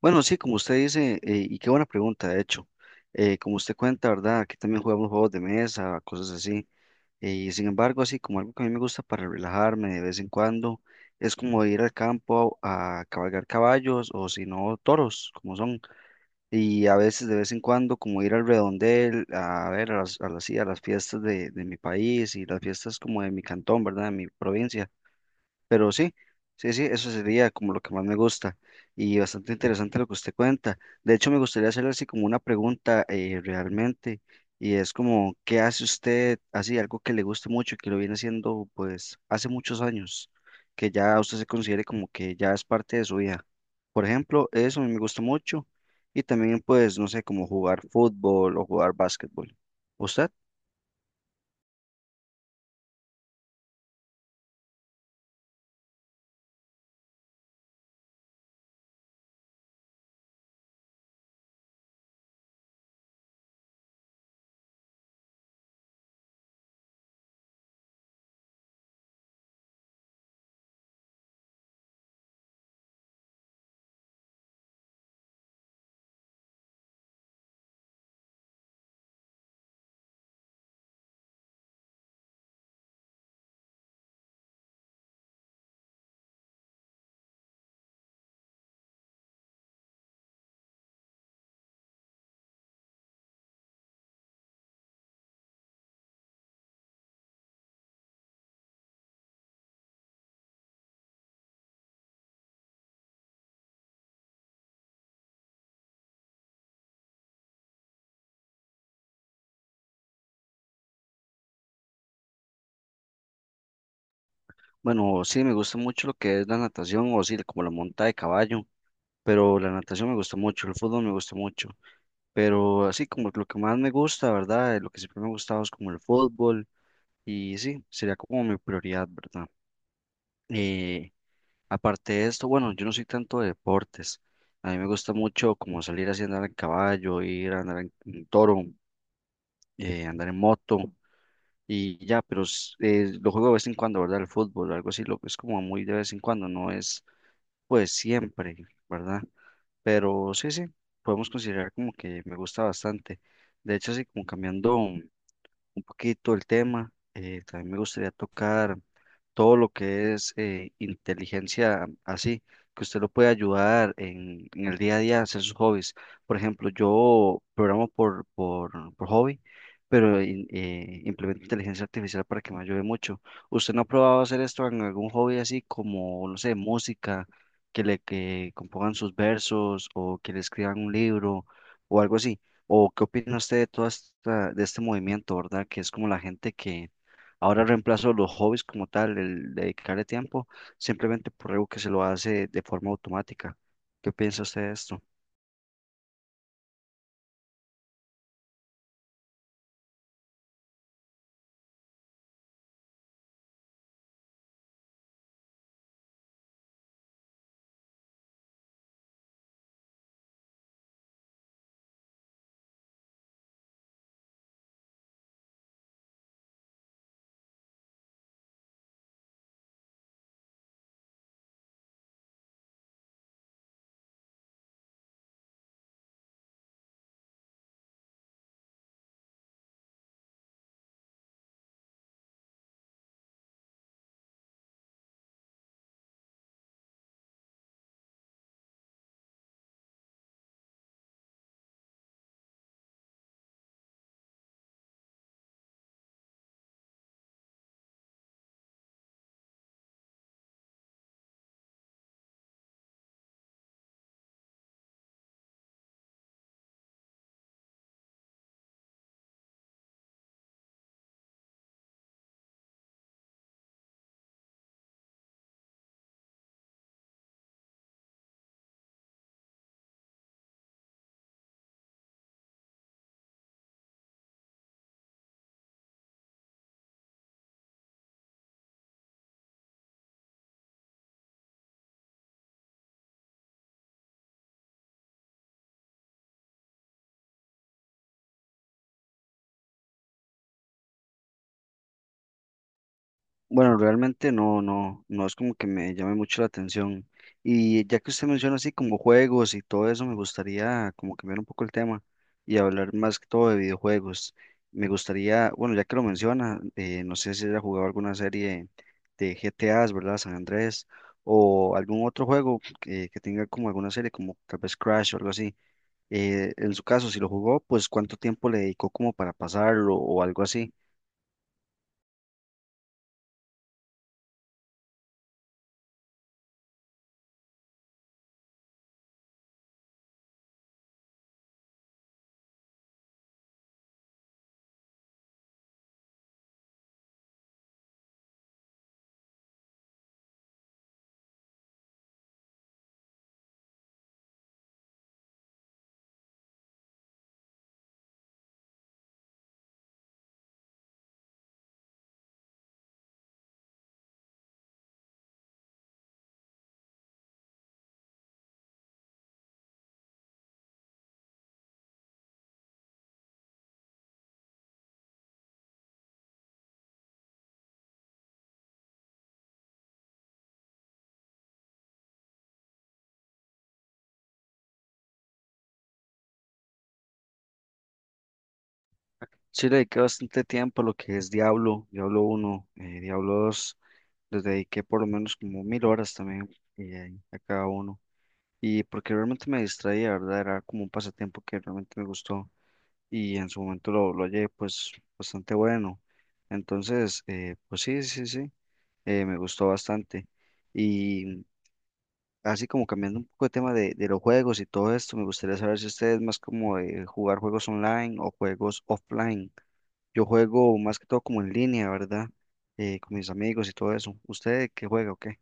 Bueno, sí, como usted dice, y qué buena pregunta, de hecho. Como usted cuenta, ¿verdad? Aquí también jugamos juegos de mesa, cosas así. Y sin embargo, así como algo que a mí me gusta para relajarme de vez en cuando, es como ir al campo a cabalgar caballos o si no, toros, como son. Y a veces, de vez en cuando, como ir al redondel, a ver, sí, a las fiestas de mi país y las fiestas como de mi cantón, ¿verdad? De mi provincia. Pero sí, sí, sí, eso sería como lo que más me gusta y bastante interesante lo que usted cuenta. De hecho, me gustaría hacerle así como una pregunta realmente, y es como, ¿qué hace usted así, algo que le guste mucho y que lo viene haciendo pues hace muchos años, que ya usted se considere como que ya es parte de su vida? Por ejemplo, eso a mí me gusta mucho y también pues, no sé, como jugar fútbol o jugar básquetbol. ¿Usted? Bueno, sí, me gusta mucho lo que es la natación o sí, como la monta de caballo. Pero la natación me gusta mucho, el fútbol me gusta mucho, pero así como lo que más me gusta, ¿verdad? Lo que siempre me ha gustado es como el fútbol y sí, sería como mi prioridad, ¿verdad? Eh, aparte de esto, bueno, yo no soy tanto de deportes, a mí me gusta mucho como salir así, andar en caballo, ir a andar en, toro, andar en moto y ya, pero lo juego de vez en cuando, ¿verdad? El fútbol, algo así, lo es como muy de vez en cuando, no es pues siempre, ¿verdad? Pero sí, sí, podemos considerar como que me gusta bastante. De hecho, así como cambiando un poquito el tema. También me gustaría tocar todo lo que es inteligencia así, que usted lo puede ayudar en, el día a día a hacer sus hobbies. Por ejemplo, yo programo por hobby, pero implemento inteligencia artificial para que me ayude mucho. ¿Usted no ha probado hacer esto en algún hobby así como, no sé, música, que le que compongan sus versos o que le escriban un libro o algo así? ¿O qué opina usted de todo esta, de este movimiento, verdad? Que es como la gente que ahora reemplaza los hobbies como tal, el dedicarle tiempo, simplemente por algo que se lo hace de forma automática. ¿Qué piensa usted de esto? Bueno, realmente no, no, no es como que me llame mucho la atención. Y ya que usted menciona así como juegos y todo eso, me gustaría como cambiar un poco el tema y hablar más que todo de videojuegos. Me gustaría, bueno, ya que lo menciona, no sé si haya jugado alguna serie de GTAs, ¿verdad? San Andrés, o algún otro juego que tenga como alguna serie, como tal vez Crash o algo así. En su caso, si lo jugó, pues cuánto tiempo le dedicó como para pasarlo o algo así. Sí, le dediqué bastante tiempo a lo que es Diablo uno, Diablo dos, les dediqué por lo menos como 1.000 horas también, a cada uno. Y porque realmente me distraía, ¿verdad? Era como un pasatiempo que realmente me gustó y en su momento lo hallé pues bastante bueno. Entonces, pues sí, sí, sí, me gustó bastante. Y así como cambiando un poco de tema de los juegos y todo esto, me gustaría saber si ustedes más como de jugar juegos online o juegos offline. Yo juego más que todo como en línea, ¿verdad? Con mis amigos y todo eso. ¿Usted qué juega o qué?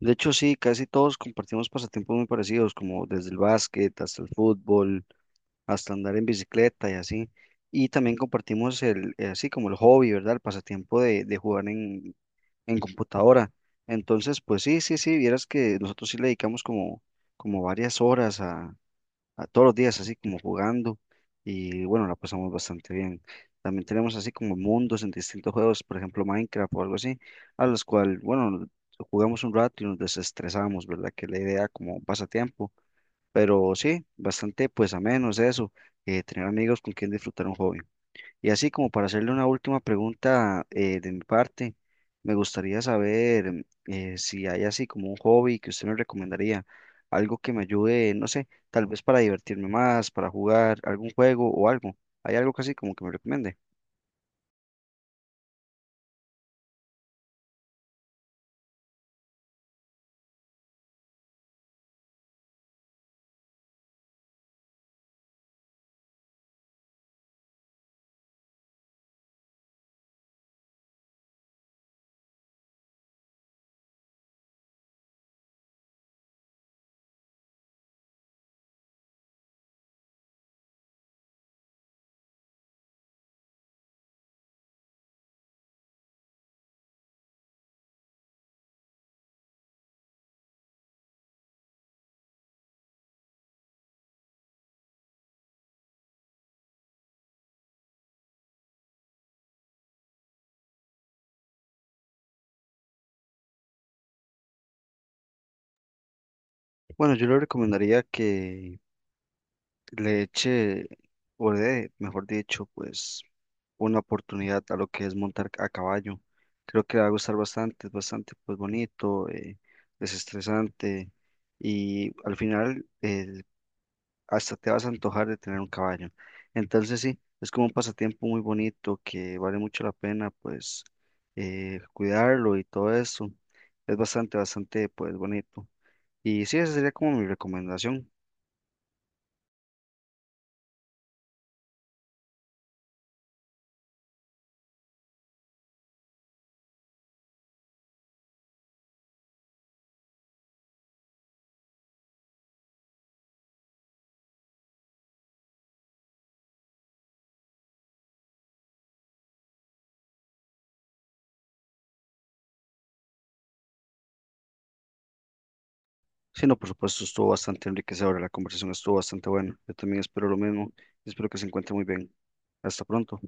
De hecho, sí, casi todos compartimos pasatiempos muy parecidos, como desde el básquet hasta el fútbol, hasta andar en bicicleta y así. Y también compartimos así como el hobby, ¿verdad? El pasatiempo de jugar en, computadora. Entonces, pues sí, sí, sí, vieras que nosotros sí le dedicamos como varias horas todos los días así como jugando y bueno, la pasamos bastante bien. También tenemos así como mundos en distintos juegos, por ejemplo Minecraft o algo así, a los cuales, bueno, jugamos un rato y nos desestresamos, ¿verdad? Que es la idea como un pasatiempo, pero sí, bastante pues a menos eso, tener amigos con quien disfrutar un hobby. Y así como para hacerle una última pregunta de mi parte, me gustaría saber si hay así como un hobby que usted me recomendaría, algo que me ayude, no sé, tal vez para divertirme más, para jugar algún juego o algo. ¿Hay algo que así como que me recomiende? Bueno, yo le recomendaría que le eché, o le dé, mejor dicho, pues una oportunidad a lo que es montar a caballo. Creo que le va a gustar bastante, es bastante pues bonito, desestresante, y al final hasta te vas a antojar de tener un caballo. Entonces sí, es como un pasatiempo muy bonito que vale mucho la pena pues cuidarlo y todo eso. Es bastante, bastante pues bonito. Y sí, esa sería como mi recomendación. Sí, no, por supuesto, estuvo bastante enriquecedora, la conversación estuvo bastante buena. Yo también espero lo mismo y espero que se encuentre muy bien. Hasta pronto.